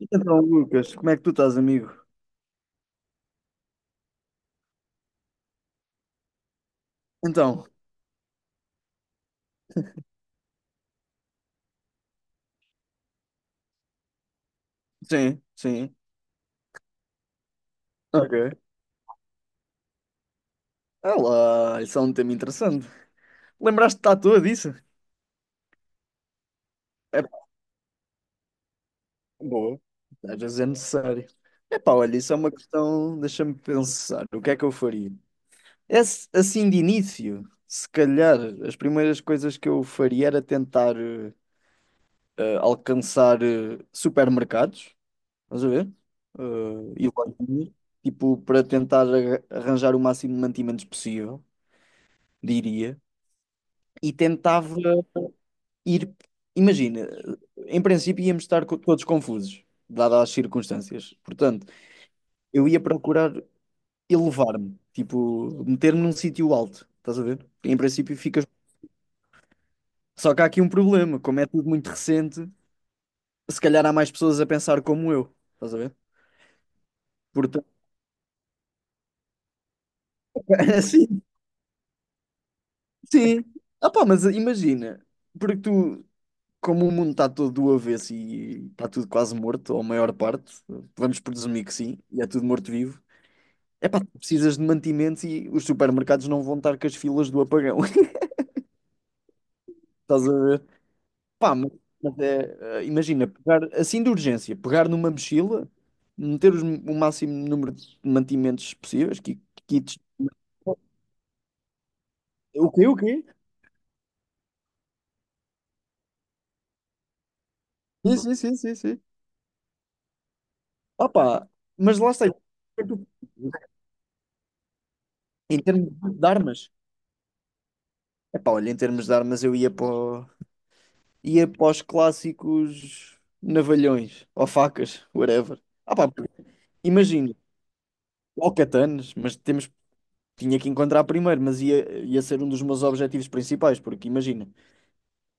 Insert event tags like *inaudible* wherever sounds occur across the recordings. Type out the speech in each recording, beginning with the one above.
Então, Lucas, como é que tu estás, amigo? Então, sim, sim. Ok. Olá, isso é um tema interessante. Lembraste-te à toa disso? É pá, boa. Às vezes é necessário. É pá, olha, isso é uma questão. Deixa-me pensar. O que é que eu faria? Assim, de início, se calhar, as primeiras coisas que eu faria era tentar alcançar supermercados, estás a ver? Eh, e lojinhas, tipo, para tentar arranjar o máximo de mantimentos possível. Diria, e tentava ir. Imagina, em princípio íamos estar todos confusos, dadas as circunstâncias. Portanto, eu ia procurar elevar-me, tipo, meter-me num sítio alto, estás a ver? Em princípio ficas. Só que há aqui um problema, como é tudo muito recente, se calhar há mais pessoas a pensar como eu, estás a ver? Portanto, *laughs* assim, sim. Ah pá, mas imagina, porque tu como o mundo está todo do avesso e está tudo quase morto, ou a maior parte, vamos presumir que sim, e é tudo morto-vivo, é pá, precisas de mantimentos e os supermercados não vão estar com as filas do apagão. *laughs* Estás a ver? Pá, mas é, imagina, pegar assim de urgência, pegar numa mochila, meter o máximo número de mantimentos possíveis, kits. O quê? O quê? Sim, sim, sim, sim, sim. Ah, pá, mas lá está. Em termos de armas, é pá, olha, em termos de armas eu ia para o- ia para os clássicos navalhões ou facas, whatever. Ah, pá, imagino, ou katanas, mas temos, tinha que encontrar primeiro, mas ia, ia ser um dos meus objetivos principais, porque imagina,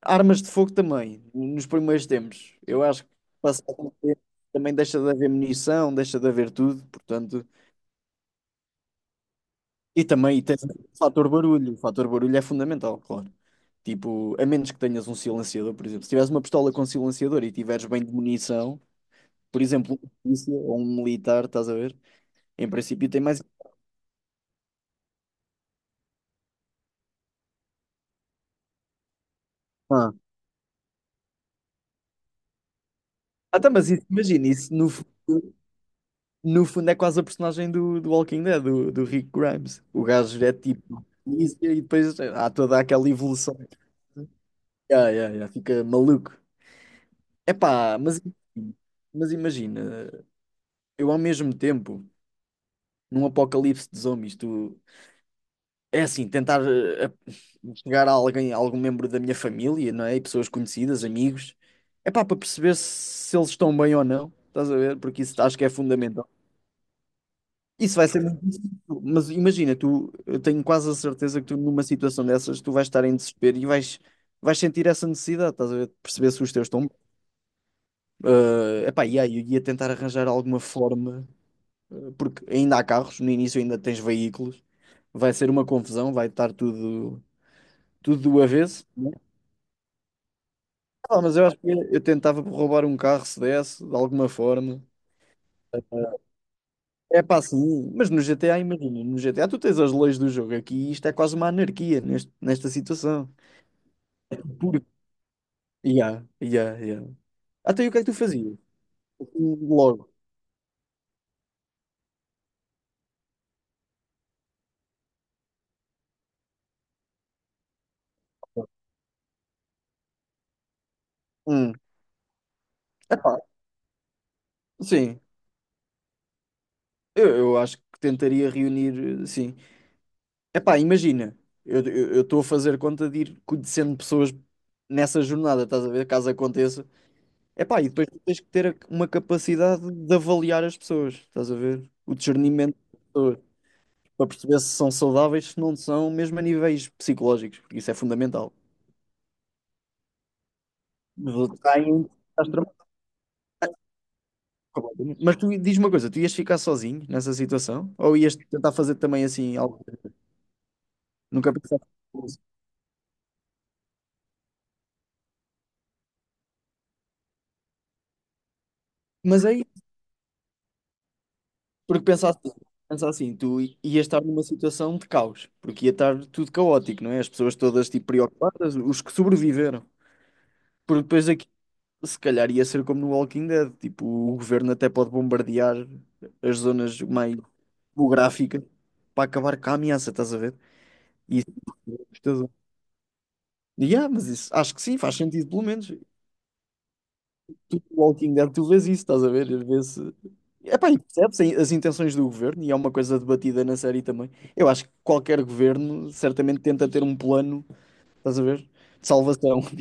armas de fogo também, nos primeiros tempos. Eu acho que passar o tempo também deixa de haver munição, deixa de haver tudo, portanto. E também tens o fator barulho é fundamental, claro. Tipo, a menos que tenhas um silenciador, por exemplo. Se tiveres uma pistola com silenciador e tiveres bem de munição, por exemplo, um polícia ou um militar, estás a ver? Em princípio tem mais. Ah, ah, tá, mas isso, imagina, isso no fundo é quase a personagem do, do Walking Dead, do, do Rick Grimes. O gajo é tipo polícia e depois há toda aquela evolução. Yeah, yeah, yeah, fica maluco. Epá, mas imagina, eu ao mesmo tempo, num apocalipse de zombies, tu, é assim, tentar chegar a alguém, a algum membro da minha família, não é? E pessoas conhecidas, amigos. É pá, para perceber se, se eles estão bem ou não, estás a ver? Porque isso acho que é fundamental. Isso vai ser muito difícil, mas imagina, tu, eu tenho quase a certeza que tu numa situação dessas, tu vais estar em desespero e vais, vais sentir essa necessidade, estás a ver? De perceber se os teus estão bem. Epá, e aí eu ia tentar arranjar alguma forma, porque ainda há carros, no início ainda tens veículos, vai ser uma confusão, vai estar tudo, tudo do avesso. Ah, mas eu acho que eu tentava roubar um carro se desse, de alguma forma. É pá, sim, mas no GTA, imagina, no GTA tu tens as leis do jogo aqui e isto é quase uma anarquia nesta situação. Porque. Ya, ya, ya. Até aí o que é que tu fazias? Assim, logo. Hum. Epá, sim, eu acho que tentaria reunir, sim. Epá, imagina, eu estou a fazer conta de ir conhecendo pessoas nessa jornada, estás a ver, caso aconteça. Epá, e depois tu tens que ter uma capacidade de avaliar as pessoas, estás a ver? O discernimento das pessoas, para perceber se são saudáveis, se não são, mesmo a níveis psicológicos, porque isso é fundamental. Estás tramado. Mas tu diz uma coisa, tu ias ficar sozinho nessa situação? Ou ias tentar fazer também assim algo? Nunca pensaste nisso. Mas aí, porque pensa assim, ias estar numa situação de caos, porque ia estar tudo caótico, não é? As pessoas todas tipo preocupadas, os que sobreviveram. Porque depois aqui se calhar ia ser como no Walking Dead, tipo, o governo até pode bombardear as zonas mais geográficas para acabar com a ameaça, estás a ver? E isso é assustador. E, ah, mas isso acho que sim, faz sentido pelo menos. Tu, no Walking Dead, tu vês isso, estás a ver? Às vês, epá, e percebes as intenções do governo e é uma coisa debatida na série também. Eu acho que qualquer governo certamente tenta ter um plano, estás a ver? De salvação. *laughs*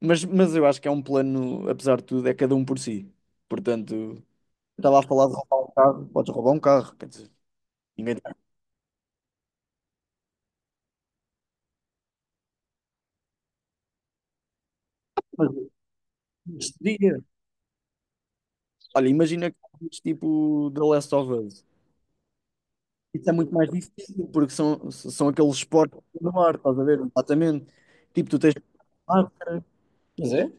Mas eu acho que é um plano, apesar de tudo, é cada um por si. Portanto. Estava a falar de roubar um carro, podes roubar um carro, quer dizer, ninguém te- mas neste dia, olha, imagina que fazes tipo The Last of Us. Isso é muito mais difícil, porque são, são aqueles esportes no mar, estás a ver? Exatamente. Tipo, tu tens máscara. Pois é?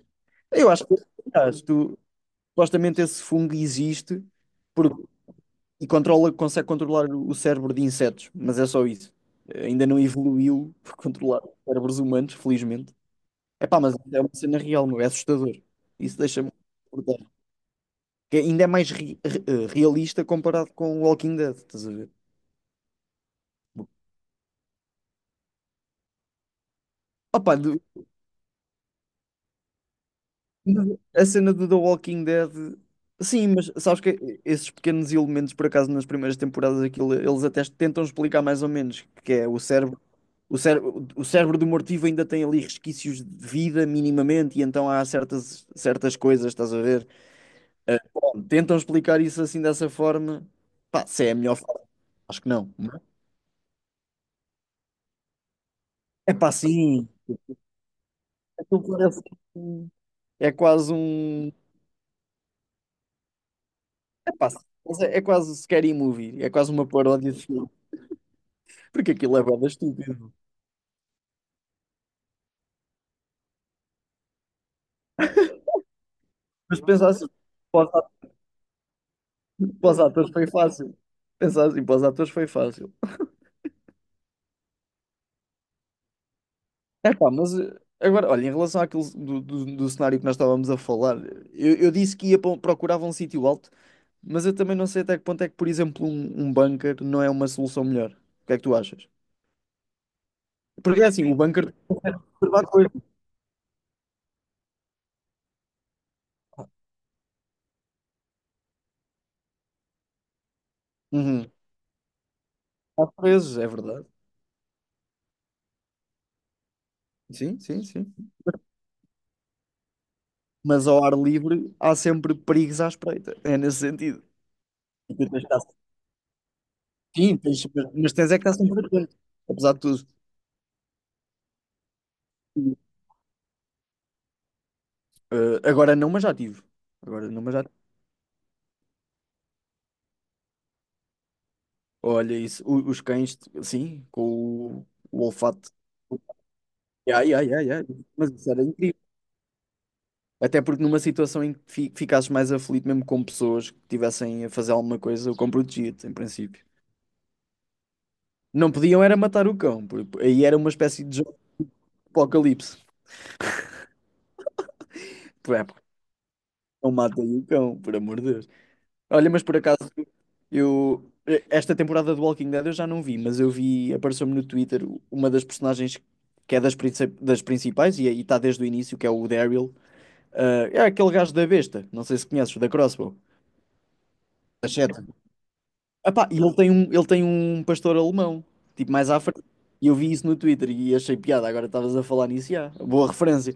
Eu acho que aliás, tu, supostamente esse fungo existe porque, e controla, consegue controlar o cérebro de insetos, mas é só isso. Ainda não evoluiu para controlar cérebros humanos, felizmente. Epá, mas é uma cena real, meu, é assustador. Isso deixa-me acordar. Que ainda é mais realista comparado com o Walking Dead, estás a ver? Opa, a cena do The Walking Dead. Sim, mas sabes que esses pequenos elementos, por acaso, nas primeiras temporadas, aquilo, eles até tentam explicar mais ou menos, que é o cérebro. O cérebro, o cérebro do mortivo ainda tem ali resquícios de vida minimamente, e então há certas, certas coisas, estás a ver? Bom, tentam explicar isso assim dessa forma. Pá, se é a melhor forma, acho que não. Não é é pá, sim. Aquilo parece que é quase um. É pá, mas é quase um scary movie. É quase uma paródia de filme. Porque aquilo é bué estúpido. Mas pensar assim, para os ato- para os atores foi fácil. Pensar assim, para os atores foi fácil. É pá, mas agora, olha, em relação àquilo do cenário que nós estávamos a falar, eu disse que ia procurar um sítio alto. Mas eu também não sei até que ponto é que, por exemplo, um bunker não é uma solução melhor. O que é que tu achas? Porque é assim, o bunker. Há coisas. Uhum. Há coisas, é verdade. Sim, sim, sim. Mas ao ar livre há sempre perigos à espreita. É nesse sentido. E tu tens de estar- sim, tens, mas tens é que estar sempre atento. Apesar de tudo. Eh, agora não, mas já tive. Agora não, mas já tive. Olha isso. Os cães, sim, com o olfato. Ai, ai, ai, ai. Mas isso era incrível. Até porque numa situação em que ficasses mais aflito, mesmo com pessoas que estivessem a fazer alguma coisa, o cão protegia-te, em princípio. Não podiam era matar o cão, por- aí era uma espécie de jogo de apocalipse. Por é, não matem o cão, por amor de Deus. Olha, mas por acaso, esta temporada do Walking Dead eu já não vi, mas eu vi, apareceu-me no Twitter uma das personagens que é das principais e aí está desde o início, que é o Daryl. Ah, é aquele gajo da besta, não sei se conheces, da Crossbow, da seta. Epá, e ele tem um pastor alemão, tipo mais à frente. E eu vi isso no Twitter e achei piada. Agora estavas a falar nisso, já. Boa referência.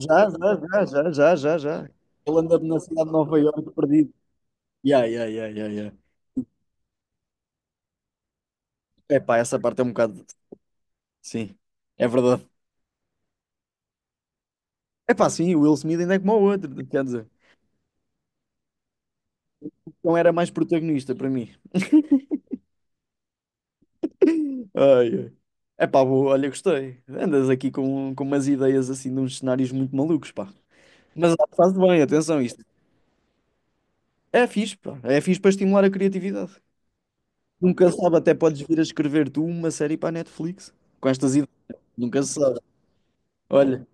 Já, já, já, já, já, já, já. Ele anda na cidade de Nova Iorque perdido. Já, já, já, já, já. Epá, essa parte é um bocado. Sim, é verdade. Epá, sim, o Will Smith ainda é como o outro, quer dizer. Então era mais protagonista para mim. Ai, ai. Epá, boa, olha, gostei. Andas aqui com umas ideias assim de uns cenários muito malucos, pá. Mas faz bem, atenção, isto. É fixe, pá. É fixe para estimular a criatividade. Nunca se sabe, até podes vir a escrever tu uma série para a Netflix com estas ideias. Nunca se sabe. Olha,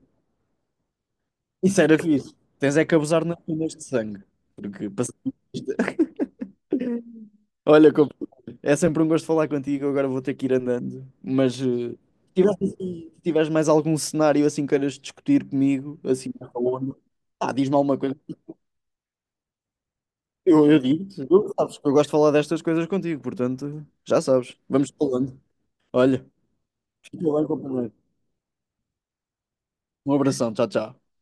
isso era fixe. Tens é que abusar nas penas de sangue. Porque passa- *laughs* olha, compa, é sempre um gosto falar contigo. Agora vou ter que ir andando. Mas se tiveres, assim- se tiveres mais algum cenário assim queiras discutir comigo, assim, falando, ah, diz-me alguma coisa. Eu digo-te, tu sabes que eu gosto de falar destas coisas contigo, portanto, já sabes. Vamos falando. Olha, fica bem, companheiro. Um abração, tchau, tchau.